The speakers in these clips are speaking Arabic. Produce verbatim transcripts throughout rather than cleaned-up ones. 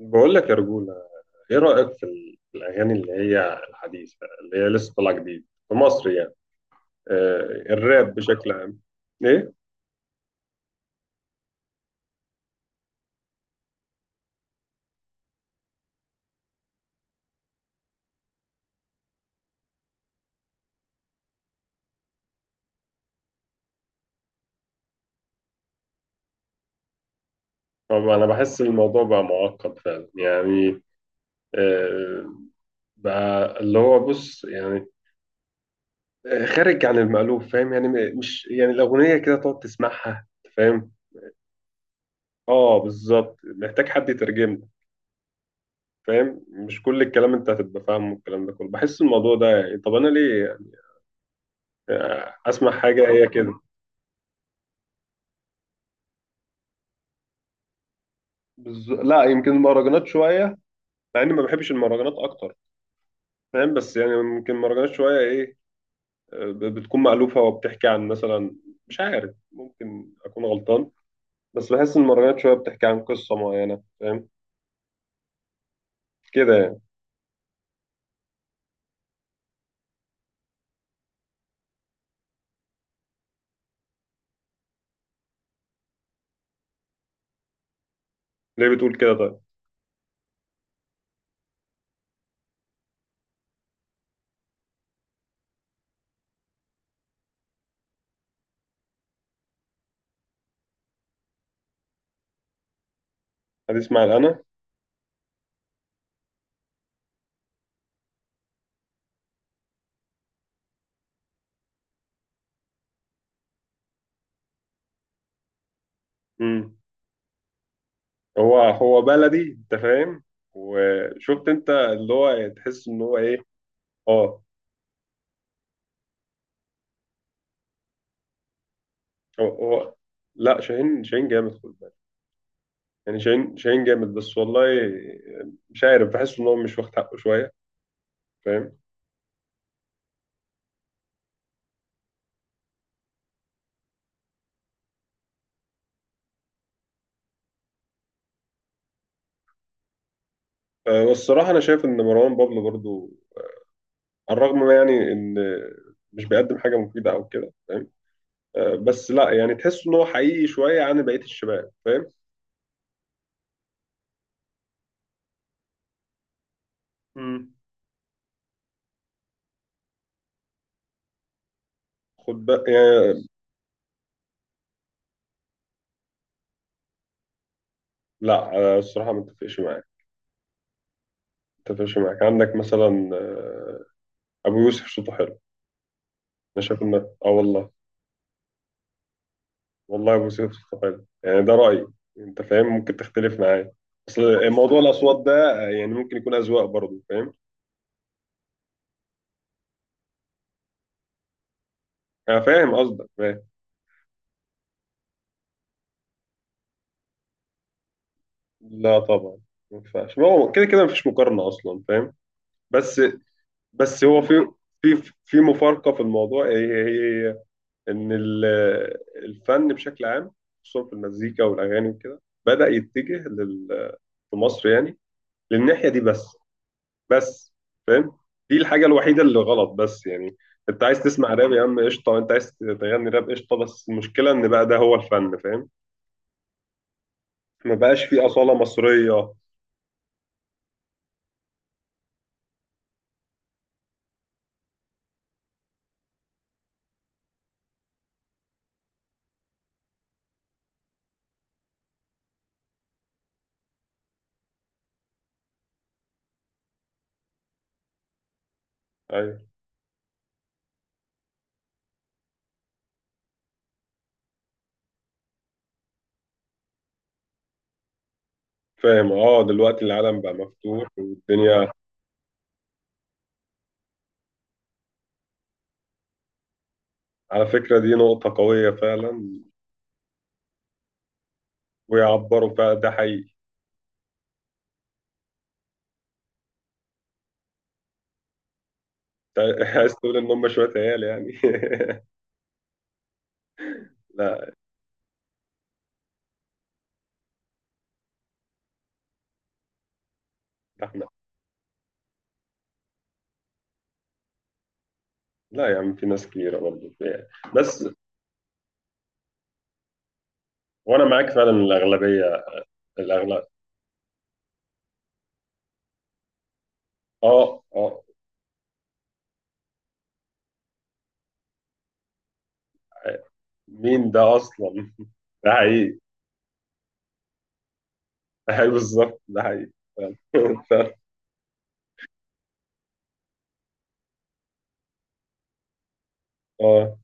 بقول لك يا رجولة. ايه رأيك في ال- في الأغاني اللي هي الحديثة اللي هي لسه طالعة جديد في مصر يعني؟ آه. الراب بشكل عام؟ ايه. طبعا انا بحس الموضوع بقى معقد فعلا يعني. آه. بقى اللي هو بص يعني، آه، خارج عن المألوف، فاهم يعني؟ م- مش يعني الأغنية كده تقعد تسمعها، أنت فاهم. اه بالظبط، محتاج حد يترجم لك، فاهم؟ مش كل الكلام انت هتبقى فاهمه. الكلام ده كله بحس الموضوع ده يعني، طب انا ليه؟ آه، اسمع، حاجة هي كده. بز... لا، يمكن المهرجانات شويه، مع اني ما بحبش المهرجانات اكتر، فاهم؟ بس يعني يمكن المهرجانات شويه ايه، آه، ب- بتكون مألوفه وبتحكي عن مثلا، مش عارف، ممكن اكون غلطان، بس بحس ان المهرجانات شويه بتحكي عن قصه معينه، فاهم؟ كده يعني. ليه بتقول كده طيب؟ هتسمع انا. امم. هو هو بلدي انت فاهم. وشفت انت اللي هو، تحس ان هو ايه؟ اه. هو هو. لا، شاهين شاهين جامد، خد بالك. يعني شاهين شاهين جامد بس والله. مش عارف، بحس ان هو مش واخد حقه شويه، فاهم؟ آه، والصراحه انا شايف ان مروان بابلو برضو، على الرغم ما يعني ان مش بيقدم حاجه مفيده او كده، فاهم؟ آه، بس لا يعني تحس ان هو حقيقي شويه عن بقيه الشباب، فاهم؟ امم. خد بقى يعني. لا آه، الصراحه ما اتفقش معاك. ما اتفقش معاك، عندك مثلا آه، ابو يوسف صوته حلو. انا شايف ان اه والله. والله موسيقى الصفات يعني، ده رأيي، انت فاهم، ممكن تختلف معايا. اصل موضوع الاصوات ده يعني ممكن يكون اذواق برضه، فاهم؟ انا فاهم قصدك، فاهم. لا طبعا، ما ينفعش، ما هو كده كده مفيش مقارنة اصلا، فاهم؟ بس، بس هو في، في في مفارقة في الموضوع، هي هي هي ان ال- الفن بشكل عام، خصوصا في المزيكا والاغاني وكده، بدأ يتجه لل، في مصر يعني، للناحية دي بس. بس فاهم، دي الحاجة الوحيدة اللي غلط بس يعني. انت عايز تسمع راب يا عم قشطة، انت عايز تغني راب قشطة، بس المشكلة ان بقى ده هو الفن، فاهم؟ ما بقاش في أصالة مصرية. ايوه. فاهم، اه دلوقتي العالم بقى مفتوح والدنيا. على فكرة دي نقطة قوية فعلا. ويعبروا فعلا ده حقيقي. انت عايز تقول ان هم شوية عيال يعني؟ لا. ده احنا. لا يا عم في ناس كبيرة برضه يعني. بس وانا معاك فعلا الاغلبية، الاغلب. اه اه. مين ده اصلا؟ ده حقيقي. ده حقيقي بالظبط، ده حقيقي فعلا. ف- اه،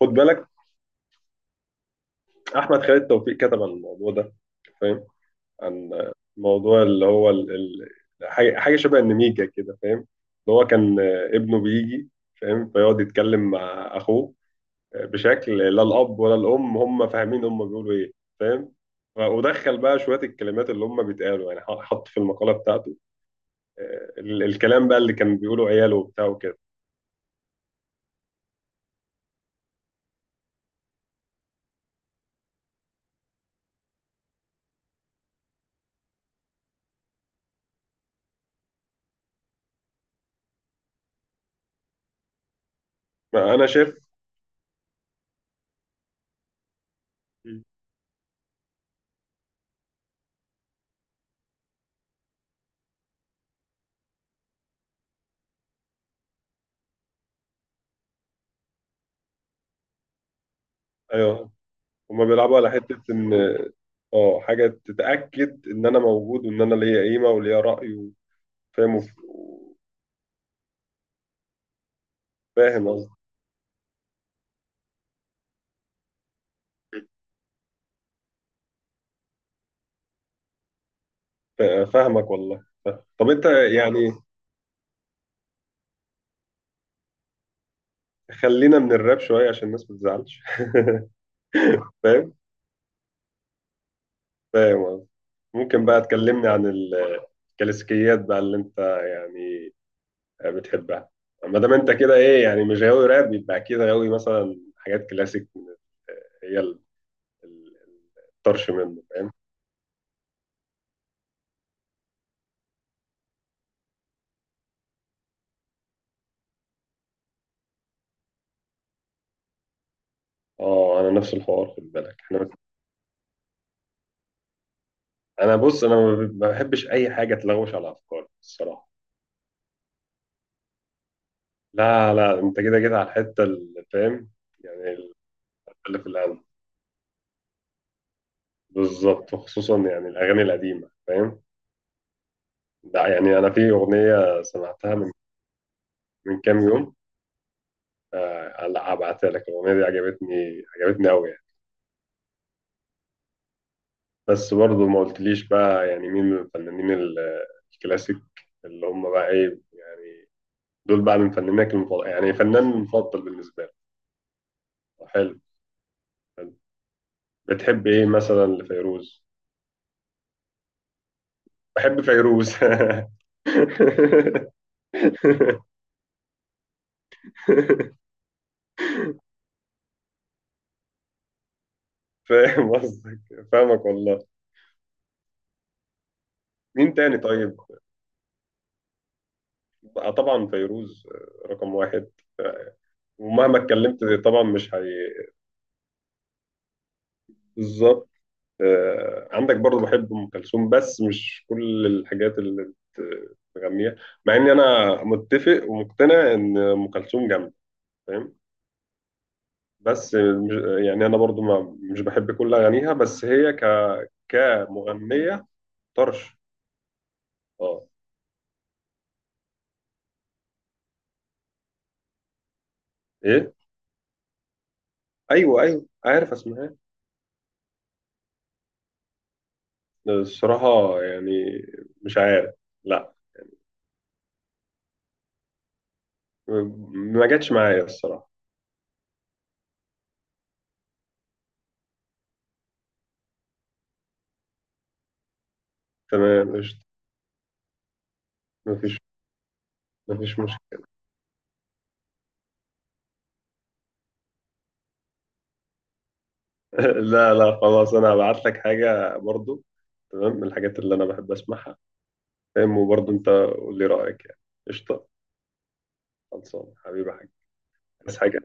خد بالك، احمد خالد توفيق كتب عن الموضوع ده، فاهم؟ عن موضوع اللي هو ال... ال... حاجه، حاجة شبه النميجه كده، فاهم؟ اللي هو كان آه، ابنه بيجي، فاهم؟ فيقعد يتكلم مع اخوه، آه، بشكل لا الاب ولا الام هم فاهمين هم بيقولوا ايه، فاهم؟ ف- ودخل بقى شويه الكلمات اللي هم بيتقالوا يعني، ح- حط في المقاله بتاعته، آه، ال- الكلام بقى اللي كان بيقوله عياله وبتاع وكده. انا شايف. مم. ايوه. هما بيلعبوا على حته ان، اه، حاجه تتاكد ان انا موجود وان انا ليا قيمه وليا راي. وفاهم وف- وفاهم قصدي. فا- فاهمك والله. طب انت يعني، خلينا من الراب شويه عشان الناس ما تزعلش. فاهم، فاهم قصدي. ممكن بقى تكلمني عن ال- الكلاسيكيات بقى اللي انت يعني بتحبها؟ ما دام انت كده ايه يعني، مش غاوي راب، يبقى اكيد غاوي مثلا حاجات كلاسيك من ال- هي ال- ال- الطرش منه. اه انا نفس الحوار، خد بالك احنا. انا بص انا ما ب- ما بحبش اي حاجه تلغوش على افكاري الصراحه. لا لا، انت كده كده على الحته اللي فاهم يعني، اللي في القلب. بالظبط، وخصوصا يعني الاغاني القديمه، فاهم؟ ده يعني انا في اغنيه سمعتها من، من كام يوم. لا هبعتها لك، الاغنيه دي عجبتني، عجبتني قوي يعني. بس برضه ما قلتليش بقى يعني مين من الفنانين ال- الكلاسيك اللي هم بقى ايه يعني، دول بقى من فنانك المفضل، يعني فنان مفضل بالنسبه لي. حلو. بتحب ايه مثلا لفيروز؟ بحب فيروز. فاهم قصدك، فاهمك والله. مين تاني طيب؟ آه، طبعا فيروز آه، رقم واحد. آه، ومهما اتكلمت طبعا مش هي. بالظبط. آه، عندك برضو بحب ام كلثوم بس مش كل الحاجات اللي بت- بتغنيها، مع اني انا متفق ومقتنع ان ام كلثوم جامده، فاهم؟ بس مش يعني، انا برضو ما مش بحب كل اغانيها، بس هي ك، كمغنية طرش. اه. ايه. ايوه ايوه عارف، اسمها إيه؟ الصراحة يعني مش عارف، لا. ما جاتش معايا الصراحة. تمام. مش، مفيش، مفيش مشكلة. لا لا خلاص، انا هبعت لك حاجة برضو تمام، من الحاجات اللي انا بحب اسمعها. تمام، وبرضو انت قول لي رأيك يعني. قشطة. خلصان حبيبي يا حاج. بس حاجة.